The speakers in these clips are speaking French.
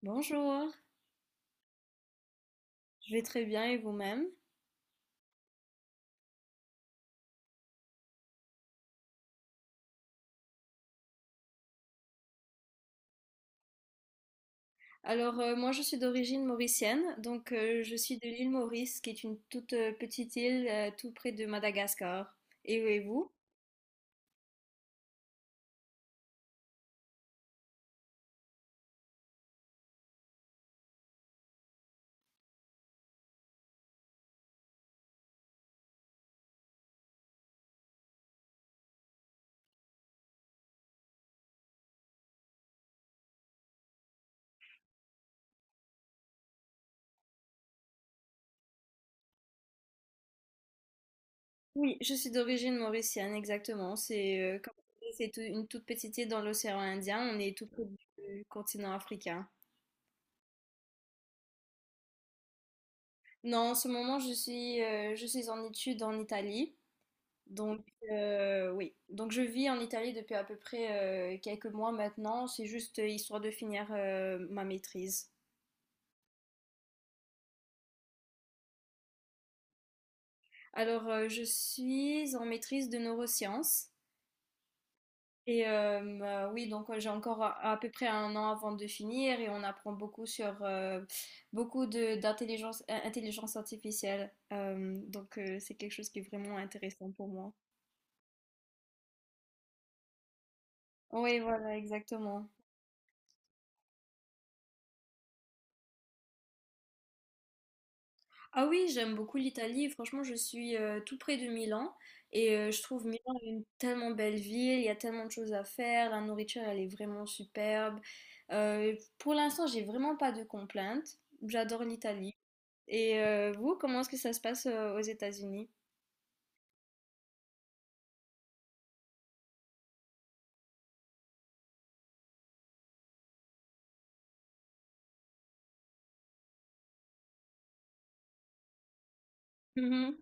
Bonjour, je vais très bien et vous-même? Alors moi je suis d'origine mauricienne, donc je suis de l'île Maurice qui est une toute petite île tout près de Madagascar. Et vous? Oui, je suis d'origine mauricienne, exactement. C'est comme vous savez, c'est une toute petite île dans l'océan Indien, on est tout près du continent africain. Non, en ce moment je suis en études en Italie. Donc, oui. Donc, je vis en Italie depuis à peu près quelques mois maintenant. C'est juste histoire de finir ma maîtrise. Alors, je suis en maîtrise de neurosciences. Et oui, donc j'ai encore à peu près un an avant de finir et on apprend beaucoup sur beaucoup de d'intelligence intelligence artificielle. Donc, c'est quelque chose qui est vraiment intéressant pour moi. Oui, voilà, exactement. Ah oui, j'aime beaucoup l'Italie. Franchement, je suis tout près de Milan et je trouve Milan une tellement belle ville. Il y a tellement de choses à faire. La nourriture, elle est vraiment superbe. Pour l'instant, j'ai vraiment pas de complaintes. J'adore l'Italie. Et vous, comment est-ce que ça se passe aux États-Unis? Mhm.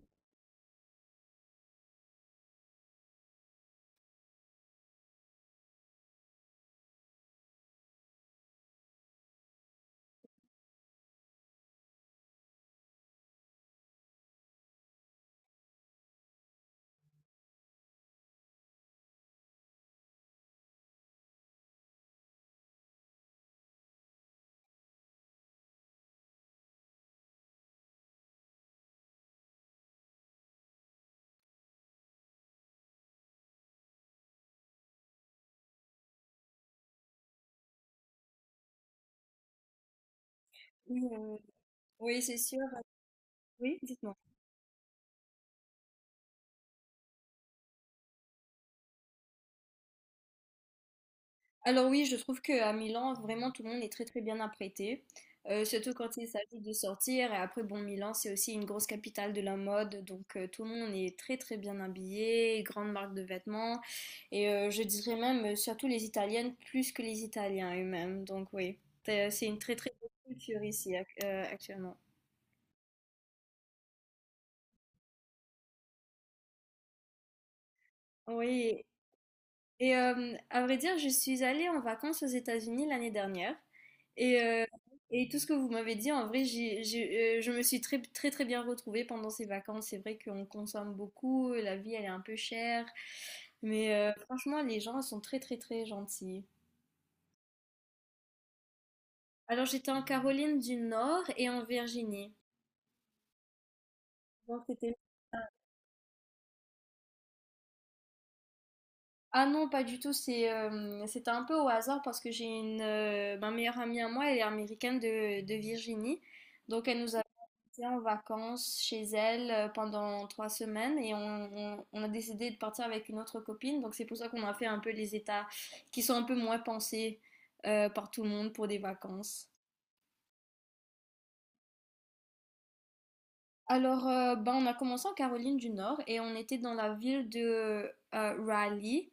Oui, oui, c'est sûr. Oui, dites-moi. Alors oui, je trouve qu'à Milan, vraiment, tout le monde est très très bien apprêté. Surtout quand il s'agit de sortir. Et après, bon, Milan, c'est aussi une grosse capitale de la mode. Donc tout le monde est très très bien habillé, grande marque de vêtements. Et je dirais même, surtout les Italiennes, plus que les Italiens eux-mêmes. Donc oui, c'est une très très bonne culture ici actuellement. Oui. Et à vrai dire, je suis allée en vacances aux États-Unis l'année dernière. Et, euh, et tout ce que vous m'avez dit, en vrai, je me suis très, très, très bien retrouvée pendant ces vacances. C'est vrai qu'on consomme beaucoup, la vie, elle est un peu chère. Mais franchement, les gens sont très, très, très gentils. Alors, j'étais en Caroline du Nord et en Virginie. Donc, c'était. Ah non, pas du tout. C'était un peu au hasard parce que j'ai une ma meilleure amie à moi, elle est américaine de Virginie. Donc elle nous a été en vacances chez elle pendant 3 semaines et on a décidé de partir avec une autre copine. Donc c'est pour ça qu'on a fait un peu les états qui sont un peu moins pensés par tout le monde pour des vacances. Alors, ben, on a commencé en Caroline du Nord et on était dans la ville de Raleigh.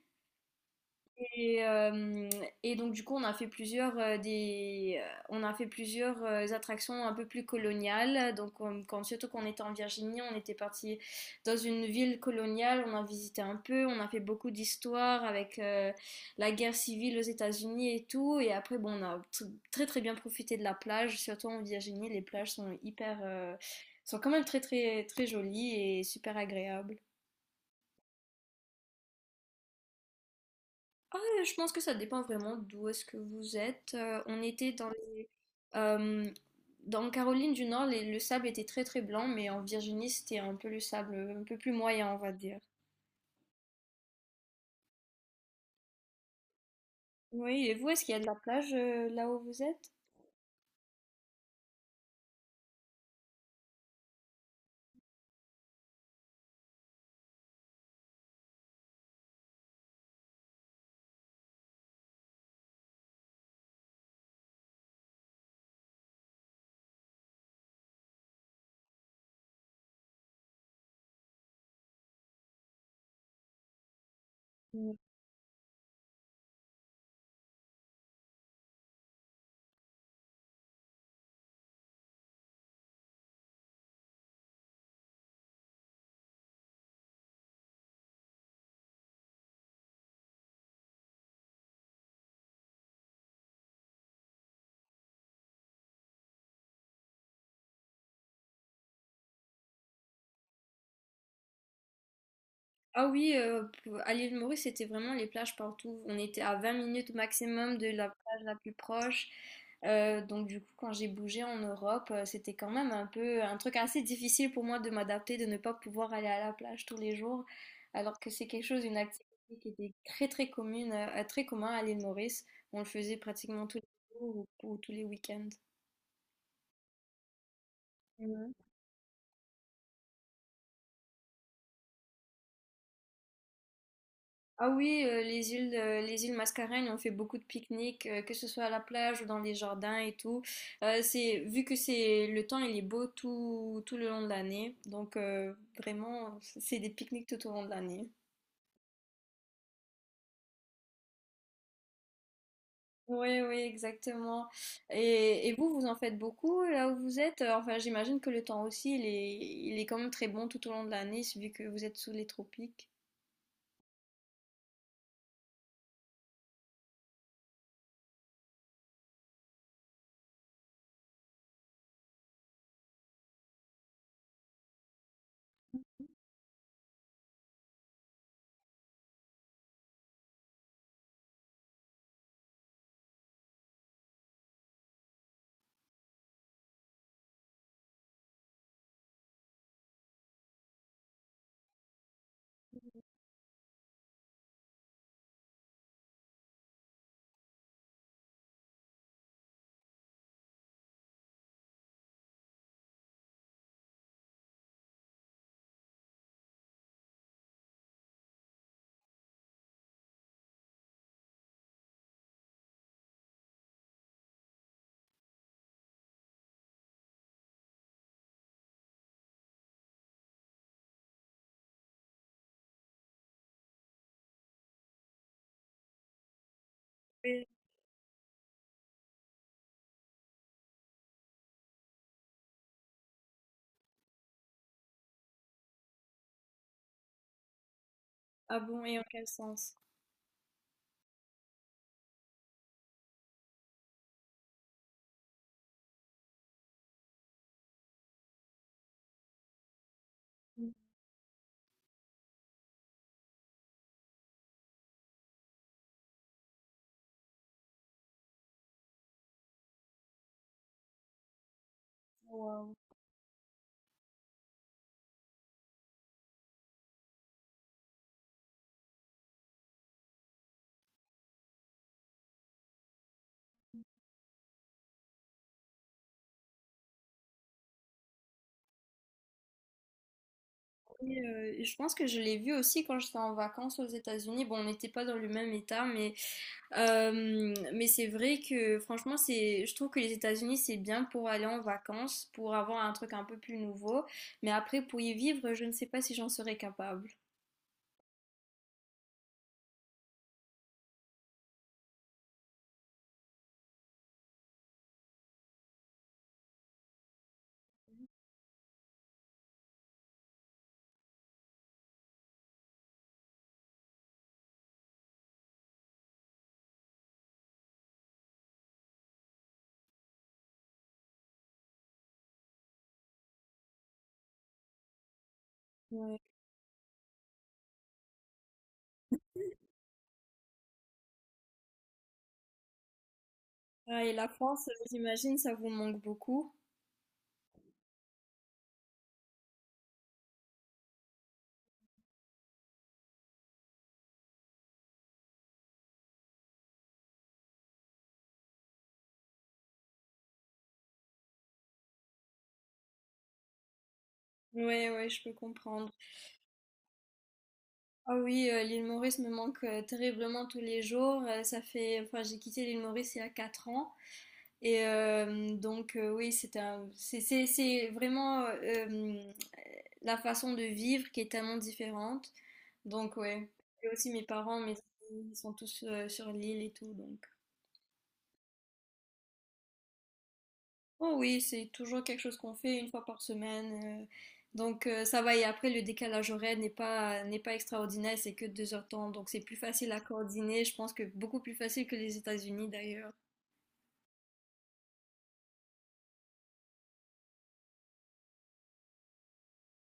Et, euh, et donc du coup on a fait plusieurs attractions un peu plus coloniales. Donc, quand surtout qu'on était en Virginie, on était parti dans une ville coloniale, on a visité un peu, on a fait beaucoup d'histoires avec la guerre civile aux États-Unis et tout. Et après bon, on a très très bien profité de la plage. Surtout en Virginie, les plages sont quand même très très très jolies et super agréables. Ah, je pense que ça dépend vraiment d'où est-ce que vous êtes. On était euh, dans Caroline du Nord, le sable était très très blanc, mais en Virginie, c'était un peu le sable un peu plus moyen, on va dire. Oui, et vous, est-ce qu'il y a de la plage là où vous êtes? Ah oui, à l'île Maurice, c'était vraiment les plages partout. On était à 20 minutes au maximum de la plage la plus proche. Donc du coup, quand j'ai bougé en Europe, c'était quand même un peu un truc assez difficile pour moi de m'adapter, de ne pas pouvoir aller à la plage tous les jours, alors que c'est quelque chose, une activité qui était très très commune, très commun à l'île Maurice. On le faisait pratiquement tous les jours ou tous les week-ends. Ah oui, les îles Mascareignes, on fait beaucoup de pique-niques, que ce soit à la plage ou dans les jardins et tout. Vu que c'est le temps, il est beau tout le long de l'année. Donc vraiment, c'est des pique-niques tout au long de l'année. Oui, oui, exactement. Et vous, vous en faites beaucoup là où vous êtes? Enfin, j'imagine que le temps aussi, il est quand même très bon tout au long de l'année, vu que vous êtes sous les tropiques. Oui. Ah bon, et en quel sens? Wow. Et je pense que je l'ai vu aussi quand j'étais en vacances aux États-Unis. Bon, on n'était pas dans le même état, mais c'est vrai que franchement, je trouve que les États-Unis, c'est bien pour aller en vacances, pour avoir un truc un peu plus nouveau. Mais après, pour y vivre, je ne sais pas si j'en serais capable. Ouais. Ah, et la France, j'imagine, ça vous manque beaucoup. Ouais, ouais, je peux comprendre. Ah oui, l'île Maurice me manque terriblement tous les jours. Ça fait, enfin, j'ai quitté l'île Maurice il y a 4 ans. Et donc, oui, c'est un, c'est vraiment la façon de vivre qui est tellement différente. Donc, ouais. Et aussi mes parents, mes amis, ils sont tous sur l'île et tout. Donc, oh oui, c'est toujours quelque chose qu'on fait une fois par semaine. Donc, ça va. Et après, le décalage horaire n'est pas extraordinaire, c'est que 2 heures de temps. Donc, c'est plus facile à coordonner. Je pense que beaucoup plus facile que les États-Unis d'ailleurs.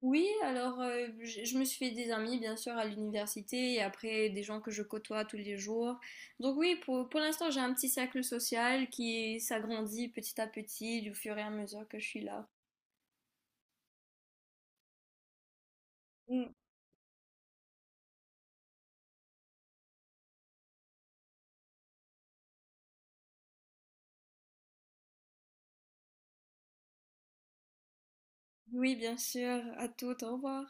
Oui, alors je me suis fait des amis bien sûr à l'université et après des gens que je côtoie tous les jours. Donc oui, pour l'instant j'ai un petit cercle social qui s'agrandit petit à petit du fur et à mesure que je suis là. Mm. Oui, bien sûr, à tout, au revoir.